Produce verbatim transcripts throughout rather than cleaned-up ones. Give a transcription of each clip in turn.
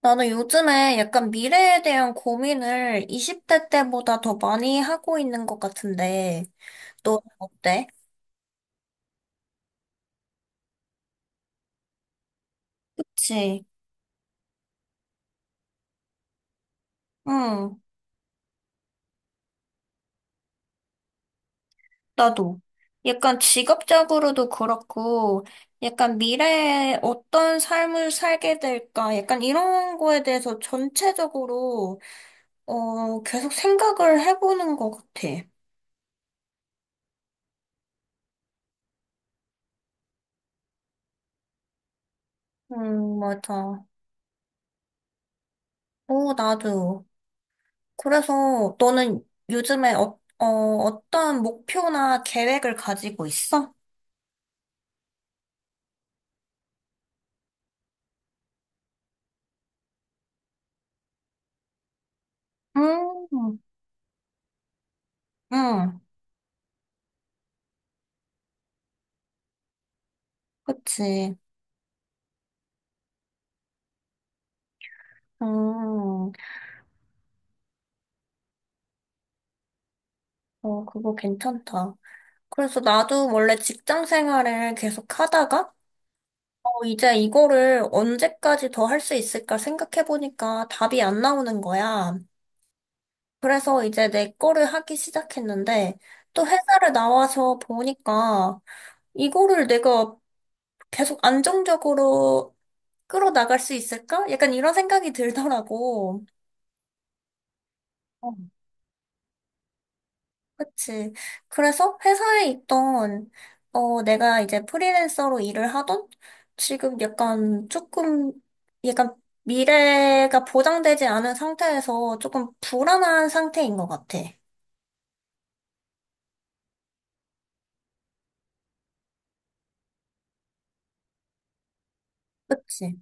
나는 요즘에 약간 미래에 대한 고민을 이십 대 때보다 더 많이 하고 있는 것 같은데, 너 어때? 그치? 응, 나도. 약간 직업적으로도 그렇고, 약간 미래에 어떤 삶을 살게 될까, 약간 이런 거에 대해서 전체적으로, 어, 계속 생각을 해보는 것 같아. 음, 맞아. 오, 나도. 그래서 너는 요즘에 어, 어, 어떤 목표나 계획을 가지고 있어? 음, 응, 그치. 음, 어, 그거 괜찮다. 그래서 나도 원래 직장 생활을 계속 하다가, 어, 이제 이거를 언제까지 더 할 수 있을까 생각해보니까 답이 안 나오는 거야. 그래서 이제 내 거를 하기 시작했는데, 또 회사를 나와서 보니까, 이거를 내가 계속 안정적으로 끌어나갈 수 있을까? 약간 이런 생각이 들더라고. 어, 그치. 그래서 회사에 있던, 어, 내가 이제 프리랜서로 일을 하던 지금 약간 조금, 약간 미래가 보장되지 않은 상태에서 조금 불안한 상태인 것 같아. 그치.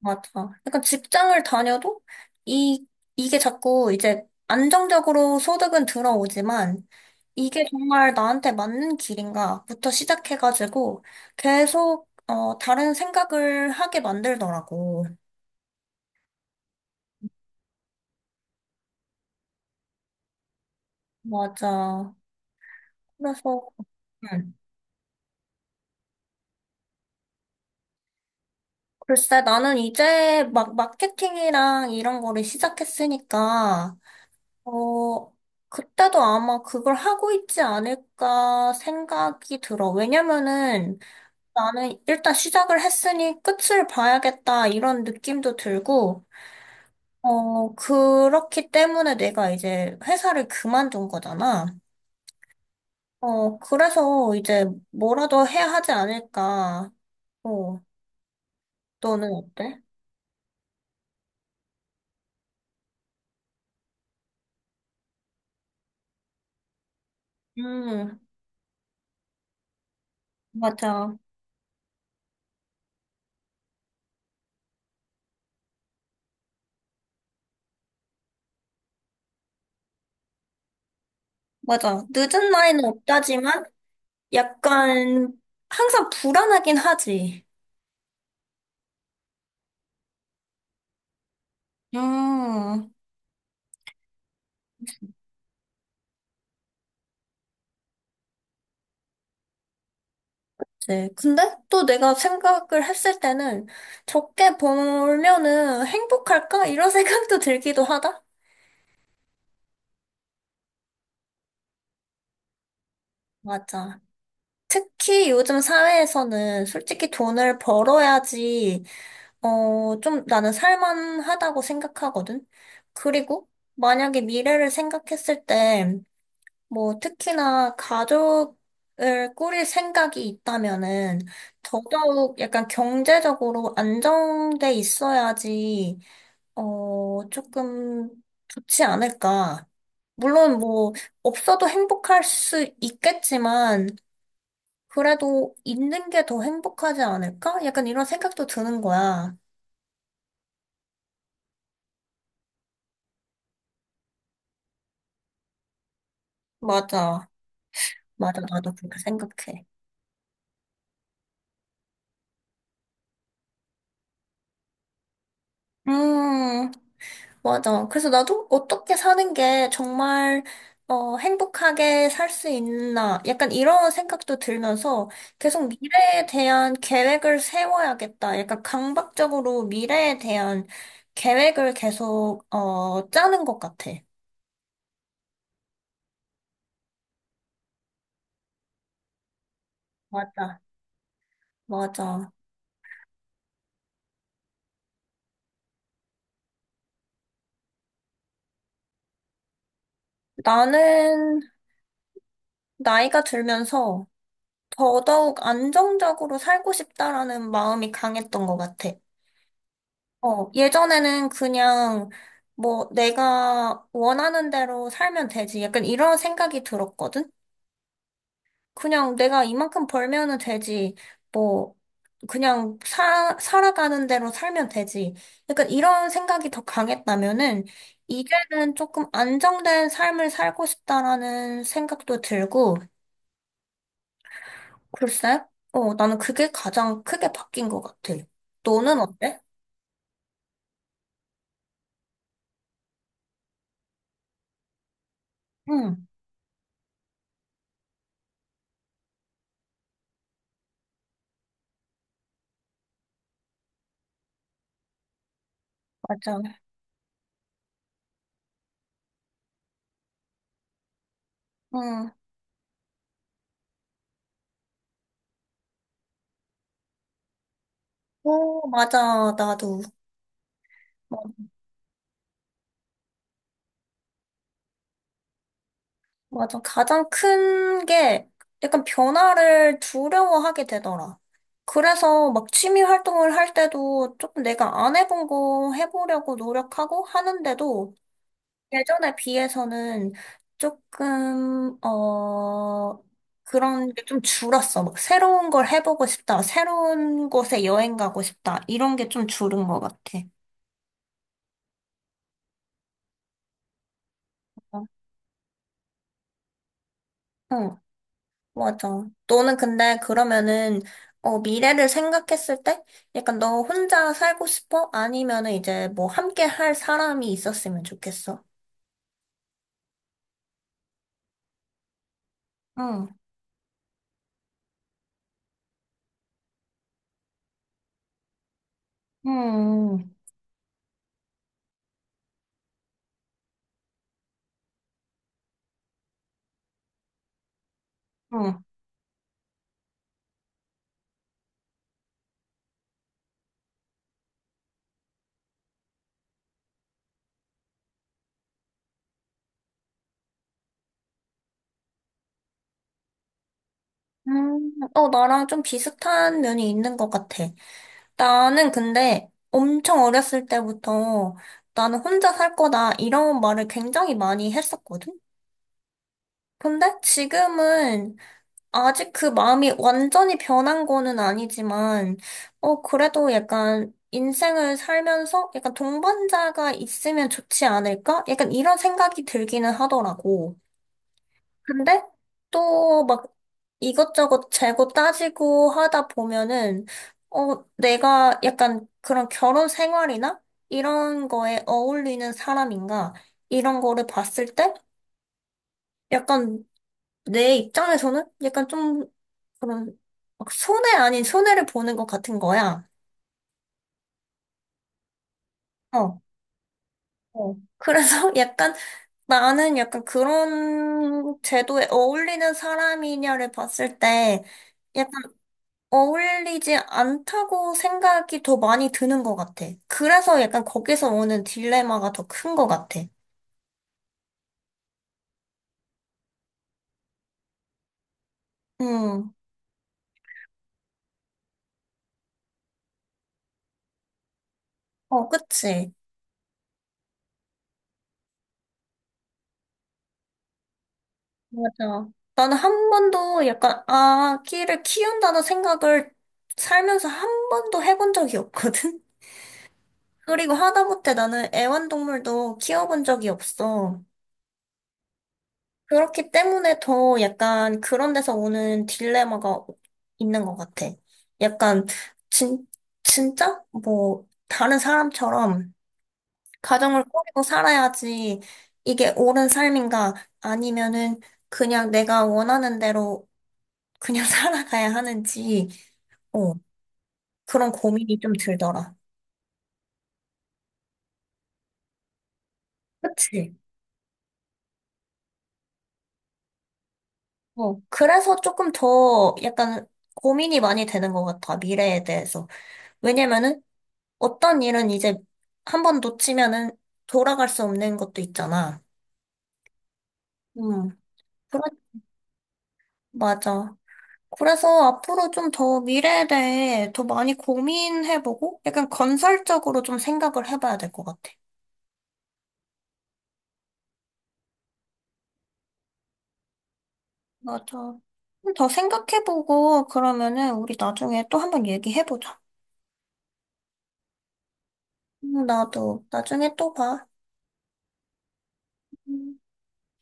맞아. 약간 직장을 다녀도 이, 이게 자꾸 이제 안정적으로 소득은 들어오지만 이게 정말 나한테 맞는 길인가부터 시작해가지고 계속, 어, 다른 생각을 하게 만들더라고. 맞아. 그래서, 음, 글쎄, 나는 이제 막 마케팅이랑 이런 거를 시작했으니까, 어, 그때도 아마 그걸 하고 있지 않을까 생각이 들어. 왜냐면은, 나는 일단 시작을 했으니 끝을 봐야겠다 이런 느낌도 들고, 어, 그렇기 때문에 내가 이제 회사를 그만둔 거잖아. 어, 그래서 이제 뭐라도 해야 하지 않을까. 어, 너는 어때? 음, 맞아. 맞아. 늦은 나이는 없다지만 약간 항상 불안하긴 하지. 음. 네. 근데 또 내가 생각을 했을 때는 적게 벌면은 행복할까? 이런 생각도 들기도 하다? 맞아. 특히 요즘 사회에서는 솔직히 돈을 벌어야지, 어, 좀 나는 살만하다고 생각하거든? 그리고 만약에 미래를 생각했을 때, 뭐, 특히나 가족을 꾸릴 생각이 있다면은 더더욱 약간 경제적으로 안정돼 있어야지 어, 조금 좋지 않을까. 물론 뭐, 없어도 행복할 수 있겠지만, 그래도 있는 게 더 행복하지 않을까? 약간 이런 생각도 드는 거야. 맞아. 맞아. 나도 그렇게 생각해. 음. 맞아. 그래서 나도 어떻게 사는 게 정말 어, 행복하게 살 수 있나 약간 이런 생각도 들면서 계속 미래에 대한 계획을 세워야겠다. 약간 강박적으로 미래에 대한 계획을 계속 어, 짜는 것 같아. 맞아. 맞아. 나는 나이가 들면서 더더욱 안정적으로 살고 싶다라는 마음이 강했던 것 같아. 어, 예전에는 그냥 뭐 내가 원하는 대로 살면 되지. 약간 이런 생각이 들었거든? 그냥 내가 이만큼 벌면은 되지. 뭐, 그냥 사, 살아가는 대로 살면 되지. 약간 이런 생각이 더 강했다면은 이제는 조금 안정된 삶을 살고 싶다라는 생각도 들고, 글쎄, 어, 나는 그게 가장 크게 바뀐 것 같아. 너는 어때? 응, 맞아. 응. 오, 맞아, 나도. 어, 맞아. 가장 큰 게 약간 변화를 두려워하게 되더라. 그래서 막 취미 활동을 할 때도 조금 내가 안 해본 거 해보려고 노력하고 하는데도 예전에 비해서는 조금, 어, 그런 게 좀 줄었어. 막 새로운 걸 해보고 싶다. 새로운 곳에 여행 가고 싶다. 이런 게 좀 줄은 것 같아. 어. 맞아. 너는 근데 그러면은, 어, 미래를 생각했을 때? 약간 너 혼자 살고 싶어? 아니면은 이제 뭐 함께 할 사람이 있었으면 좋겠어? 응, 응 응. 음, 어, 나랑 좀 비슷한 면이 있는 것 같아. 나는 근데 엄청 어렸을 때부터 나는 혼자 살 거다 이런 말을 굉장히 많이 했었거든? 근데 지금은 아직 그 마음이 완전히 변한 거는 아니지만, 어, 그래도 약간 인생을 살면서 약간 동반자가 있으면 좋지 않을까? 약간 이런 생각이 들기는 하더라고. 근데 또 막 이것저것 재고 따지고 하다 보면은, 어, 내가 약간 그런 결혼 생활이나 이런 거에 어울리는 사람인가? 이런 거를 봤을 때 약간 내 입장에서는 약간 좀 그런 막 손해 아닌 손해를 보는 것 같은 거야. 어, 어. 그래서 약간 나는 약간 그런 제도에 어울리는 사람이냐를 봤을 때 약간 어울리지 않다고 생각이 더 많이 드는 것 같아. 그래서 약간 거기서 오는 딜레마가 더 큰 것 같아. 음, 어, 그치. 맞아. 나는 한 번도 약간 아기를 키운다는 생각을 살면서 한 번도 해본 적이 없거든. 그리고 하다못해 나는 애완동물도 키워본 적이 없어. 그렇기 때문에 더 약간 그런 데서 오는 딜레마가 있는 것 같아. 약간, 진, 진짜? 뭐, 다른 사람처럼 가정을 꾸리고 살아야지 이게 옳은 삶인가 아니면은 그냥 내가 원하는 대로 그냥 살아가야 하는지, 어, 그런 고민이 좀 들더라. 그치? 어, 그래서 조금 더 약간 고민이 많이 되는 것 같아, 미래에 대해서. 왜냐면은 어떤 일은 이제 한 번 놓치면은 돌아갈 수 없는 것도 있잖아. 응. 그래, 맞아. 그래서 앞으로 좀 더 미래에 대해 더 많이 고민해보고 약간 건설적으로 좀 생각을 해봐야 될 것 같아. 맞아. 좀 더 생각해보고 그러면은 우리 나중에 또 한 번 얘기해보자. 음, 나도 나중에 또 봐. 음.